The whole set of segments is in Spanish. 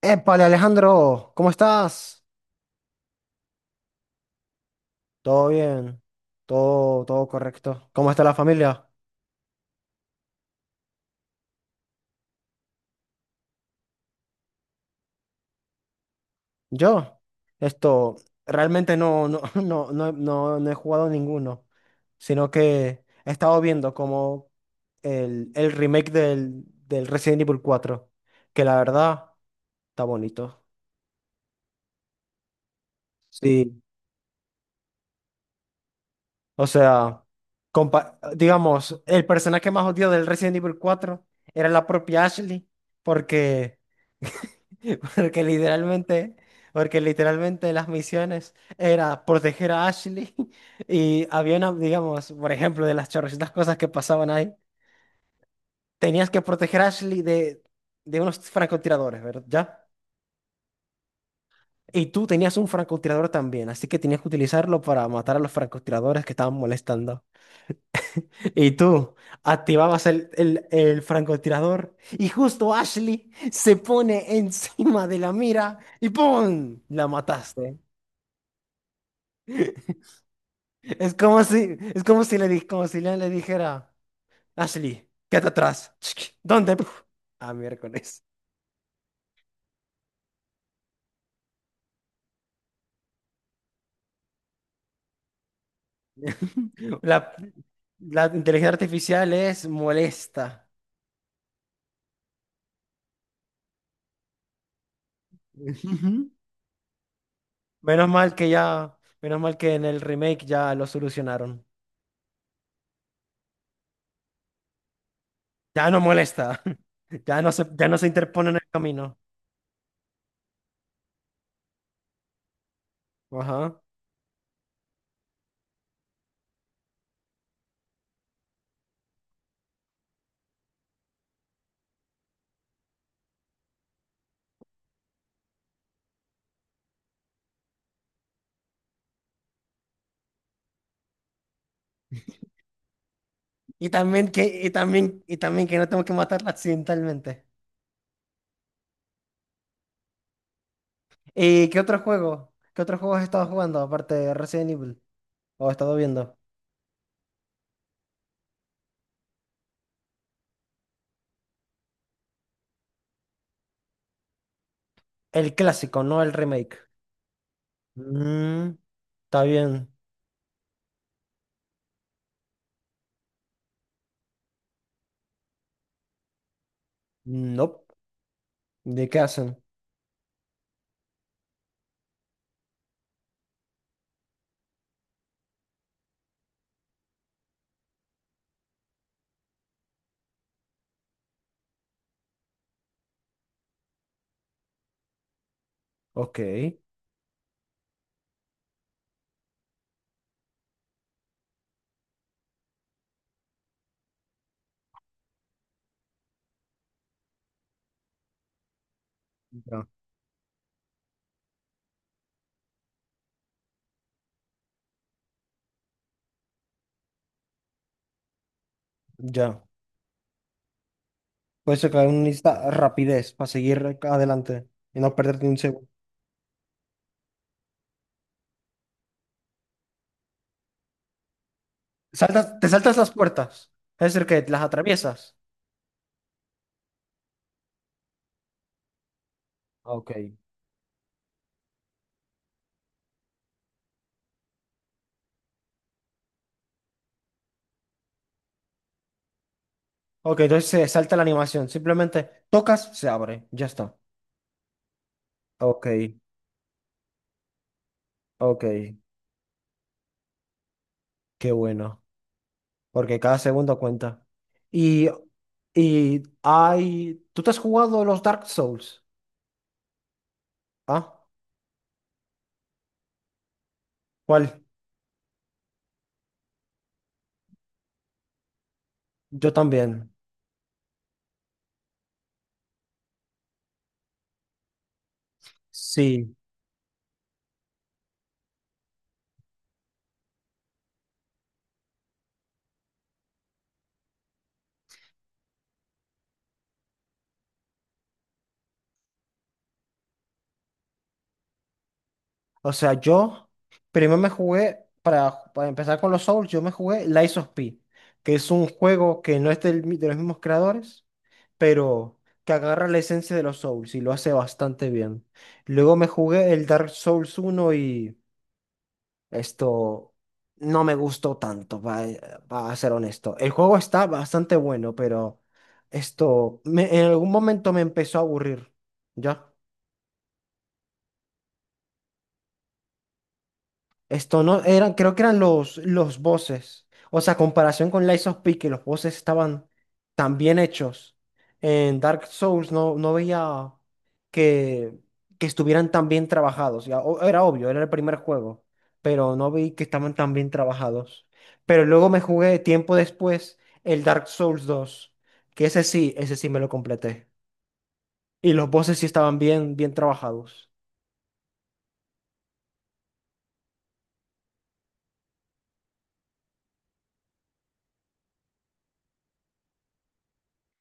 Épale, Alejandro, ¿cómo estás? Todo bien, todo correcto. ¿Cómo está la familia? Yo, esto, realmente no, no, no, no, no, no he jugado ninguno, sino que he estado viendo como el remake del Resident Evil cuatro, que la verdad está bonito. Sí, o sea, digamos, el personaje más odiado del Resident Evil cuatro era la propia Ashley, porque Porque literalmente, porque literalmente, las misiones era proteger a Ashley y había una, digamos, por ejemplo, de las chorrocientas cosas que pasaban ahí, tenías que proteger a Ashley de unos francotiradores, ¿verdad? ¿Ya? Y tú tenías un francotirador también, así que tenías que utilizarlo para matar a los francotiradores que estaban molestando. Y tú activabas el francotirador y justo Ashley se pone encima de la mira y ¡pum! La mataste. Es como si le di- como si Leon le dijera, Ashley, quédate atrás. ¿Dónde? Puf. Ah, miércoles. La, la inteligencia artificial es molesta. Ujú. Menos mal que en el remake ya lo solucionaron. Ya no molesta. Ya no se interpone en el camino. Ajá. Y también que no tengo que matarla accidentalmente. ¿Y qué otro juego? ¿Qué otro juego has estado jugando aparte de Resident Evil? ¿O has estado viendo? El clásico, no el remake. Mm, está bien. No. ¿De qué hacen? Ok. Ya. Ya. Puedes sacar una lista rapidez para seguir adelante y no perderte ni un segundo. Saltas, te saltas las puertas. Es decir, que las atraviesas. Ok. Ok, entonces se salta la animación. Simplemente tocas, se abre. Ya está. Ok. Ok. Qué bueno. Porque cada segundo cuenta. Y, y hay. ¿Tú te has jugado los Dark Souls? ¿Ah? ¿Cuál? Yo también. Sí. O sea, yo primero me jugué, para empezar con los Souls, yo me jugué Lies of P, que es un juego que no es de los mismos creadores, pero que agarra la esencia de los Souls y lo hace bastante bien. Luego me jugué el Dark Souls uno y esto no me gustó tanto, para ser honesto. El juego está bastante bueno, pero en algún momento me empezó a aburrir. ¿Ya? Esto no eran, creo que eran los voces. O sea, comparación con Lies of P, que los voces estaban tan bien hechos. En Dark Souls no, no veía que, que estuvieran tan bien trabajados. Ya, era obvio, era el primer juego, pero no vi que estaban tan bien trabajados. Pero luego me jugué tiempo después el Dark Souls dos que ese sí me lo completé. Y los voces sí estaban bien, bien trabajados.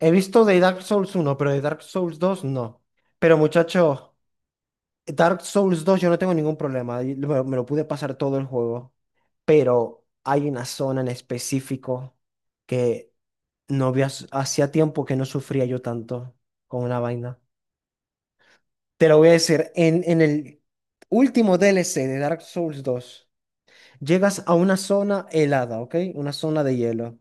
He visto de Dark Souls uno, pero de Dark Souls dos no. Pero muchacho, Dark Souls dos yo no tengo ningún problema. Lo pude pasar todo el juego. Pero hay una zona en específico que no había, hacía tiempo que no sufría yo tanto con una vaina. Te lo voy a decir, en el último D L C de Dark Souls dos, llegas a una zona helada, ¿ok? Una zona de hielo.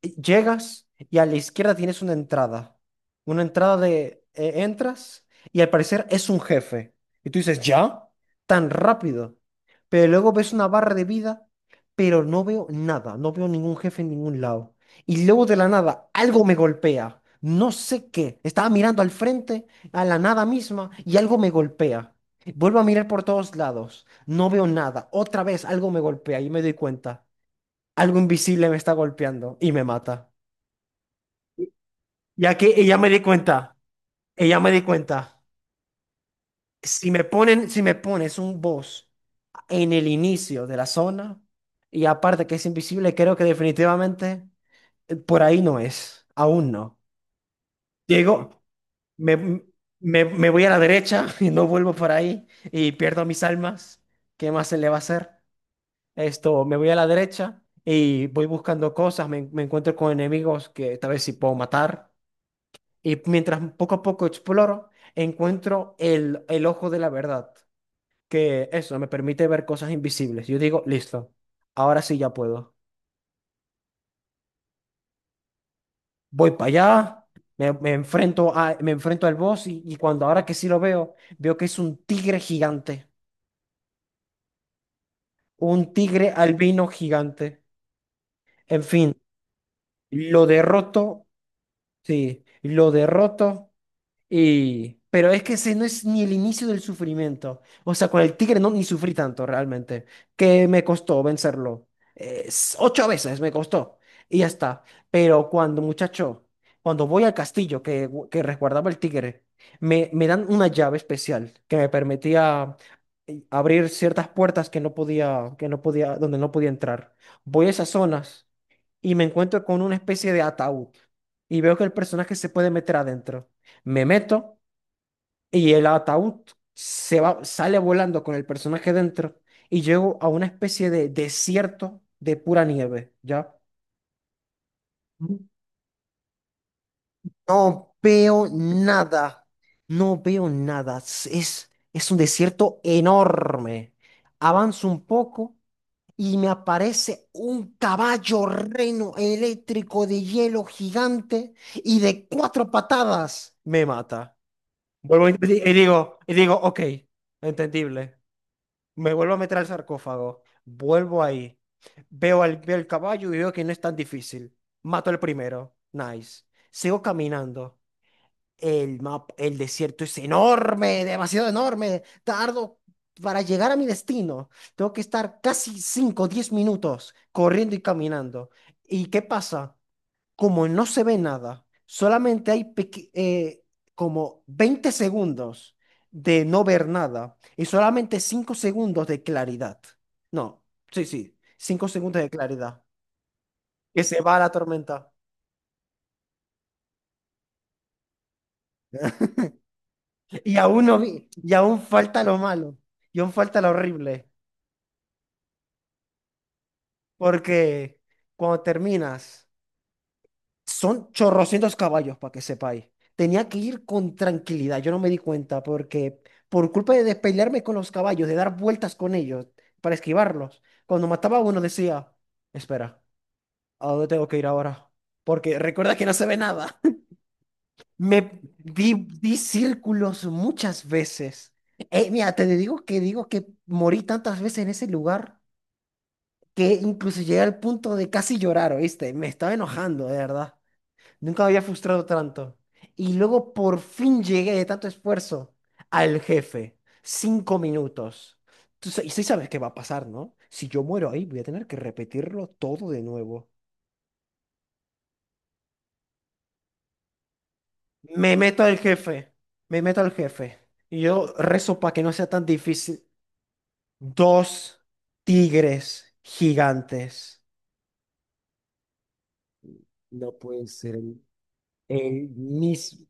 Llegas y a la izquierda tienes una entrada. Una entrada entras y al parecer es un jefe. Y tú dices, ¿ya? Tan rápido. Pero luego ves una barra de vida, pero no veo nada. No veo ningún jefe en ningún lado. Y luego de la nada, algo me golpea. No sé qué. Estaba mirando al frente, a la nada misma, y algo me golpea. Vuelvo a mirar por todos lados. No veo nada. Otra vez algo me golpea y me doy cuenta. Algo invisible me está golpeando y me mata. Ya que ella me di cuenta, si me pones un boss en el inicio de la zona, y aparte que es invisible, creo que definitivamente por ahí no es, aún no. Llego, me, me voy a la derecha y no vuelvo por ahí y pierdo mis almas. ¿Qué más se le va a hacer? Esto, me voy a la derecha y voy buscando cosas, me encuentro con enemigos que tal vez sí puedo matar. Y mientras poco a poco exploro, encuentro el ojo de la verdad, que eso me permite ver cosas invisibles. Yo digo, listo, ahora sí ya puedo. Voy para allá, me enfrento al boss y cuando ahora que sí lo veo, veo que es un tigre gigante, un tigre albino gigante. En fin, lo derroto, sí, lo derroto. Y, pero es que ese no es ni el inicio del sufrimiento. O sea, con el tigre no ni sufrí tanto realmente, que me costó vencerlo. Ocho veces me costó y ya está. Pero cuando, muchacho, cuando voy al castillo que resguardaba el tigre, me dan una llave especial que me permitía abrir ciertas puertas que no podía, donde no podía entrar. Voy a esas zonas y me encuentro con una especie de ataúd y veo que el personaje se puede meter adentro. Me meto y el ataúd se va, sale volando con el personaje dentro y llego a una especie de desierto de pura nieve, ¿ya? No veo nada. No veo nada. Es un desierto enorme. Avanzo un poco y me aparece un caballo reno eléctrico de hielo gigante y de cuatro patadas me mata. Vuelvo y digo, ok, entendible. Me vuelvo a meter al sarcófago, vuelvo ahí, veo el caballo y veo que no es tan difícil. Mato el primero, nice. Sigo caminando. El mapa, el desierto es enorme, demasiado enorme. Tardo para llegar a mi destino. Tengo que estar casi 5 o 10 minutos corriendo y caminando. ¿Y qué pasa? Como no se ve nada, solamente hay como 20 segundos de no ver nada y solamente 5 segundos de claridad. No, sí, sí, 5 segundos de claridad. Que se va la tormenta. Y aún no vi, y aún falta lo malo, y aún falta lo horrible. Porque cuando terminas, son chorrocientos caballos, para que sepáis. Tenía que ir con tranquilidad, yo no me di cuenta, porque por culpa de despelearme con los caballos, de dar vueltas con ellos, para esquivarlos, cuando mataba a uno decía, espera, ¿a dónde tengo que ir ahora? Porque recuerda que no se ve nada. Me di, Di círculos muchas veces. Mira, te digo que morí tantas veces en ese lugar que incluso llegué al punto de casi llorar, ¿oíste? Me estaba enojando, de verdad. Nunca me había frustrado tanto. Y luego por fin llegué de tanto esfuerzo al jefe. 5 minutos. Y sí sabes qué va a pasar, ¿no? Si yo muero ahí, voy a tener que repetirlo todo de nuevo. Me meto al jefe. Me meto al jefe. Y yo rezo para que no sea tan difícil. Dos tigres gigantes. No pueden ser mismo.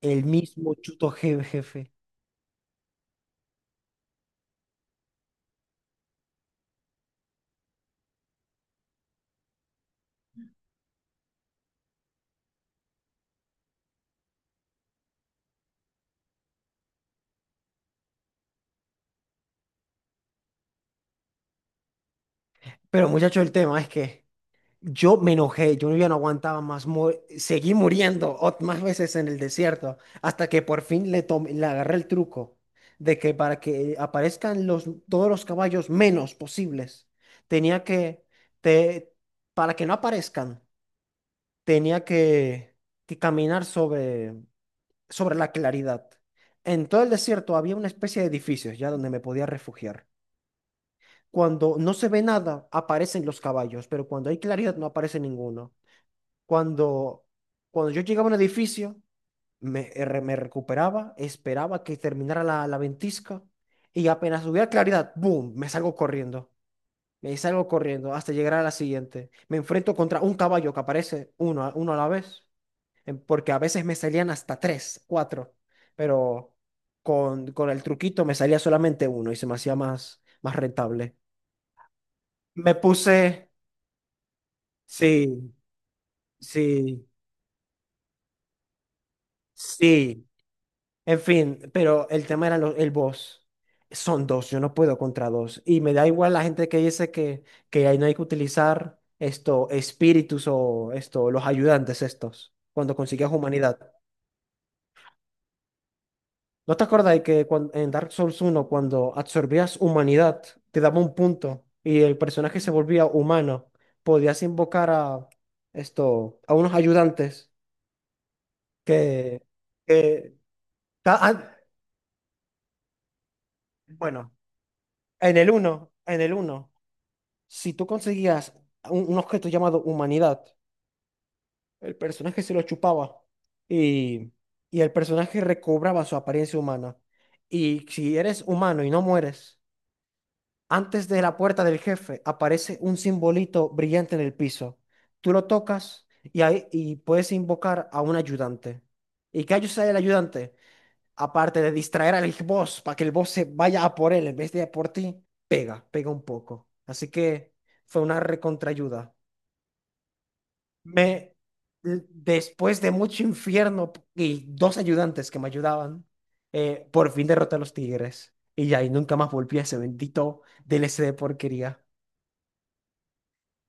el mismo Chuto jefe. Pero muchacho, el tema es que yo me enojé, yo ya no aguantaba más, seguí muriendo más veces en el desierto, hasta que por fin le agarré el truco de que para que aparezcan todos los caballos menos posibles, tenía que, te, para que no aparezcan, tenía que caminar sobre la claridad. En todo el desierto había una especie de edificios ya donde me podía refugiar. Cuando no se ve nada, aparecen los caballos, pero cuando hay claridad no aparece ninguno. Cuando, cuando yo llegaba a un edificio, me recuperaba, esperaba que terminara la ventisca y apenas hubiera claridad, ¡boom! Me salgo corriendo. Me salgo corriendo hasta llegar a la siguiente. Me enfrento contra un caballo que aparece uno a la vez, porque a veces me salían hasta tres, cuatro, pero con el truquito me salía solamente uno y se me hacía más rentable. Me puse. Sí, sí, sí. En fin, pero el tema era el boss. Son dos, yo no puedo contra dos. Y me da igual la gente que dice que ahí no hay que utilizar esto, espíritus o esto, los ayudantes estos, cuando consigues humanidad. ¿No te acuerdas de que en Dark Souls uno cuando absorbías humanidad, te daba un punto y el personaje se volvía humano? Podías invocar a esto, a unos ayudantes que, que ah, bueno. En el uno, en el uno. Si tú conseguías un objeto llamado humanidad, el personaje se lo chupaba y, y el personaje recobraba su apariencia humana. Y si eres humano y no mueres, antes de la puerta del jefe aparece un simbolito brillante en el piso. Tú lo tocas y, ahí, y puedes invocar a un ayudante. ¿Y qué ayuda el ayudante? Aparte de distraer al boss para que el boss se vaya a por él en vez de a por ti, pega, pega un poco. Así que fue una recontraayuda. Me, Después de mucho infierno y dos ayudantes que me ayudaban, por fin derroté a los tigres. Y ya, y nunca más volví a ese bendito DLC de porquería.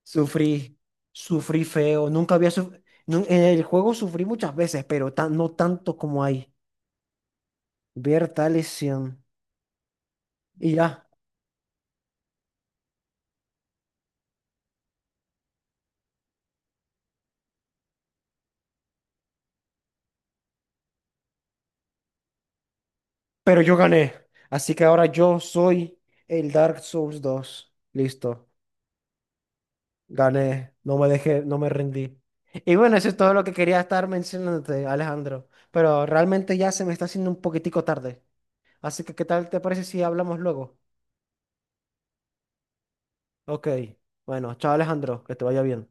Sufrí, sufrí feo. Nunca había sufrido. En el juego sufrí muchas veces, pero no tanto como ahí. Ver tal lesión. Y ya. Pero yo gané. Así que ahora yo soy el Dark Souls 2. Listo. Gané. No me dejé, no me rendí. Y bueno, eso es todo lo que quería estar mencionándote, Alejandro. Pero realmente ya se me está haciendo un poquitico tarde. Así que, ¿qué tal te parece si hablamos luego? Ok. Bueno, chao, Alejandro. Que te vaya bien.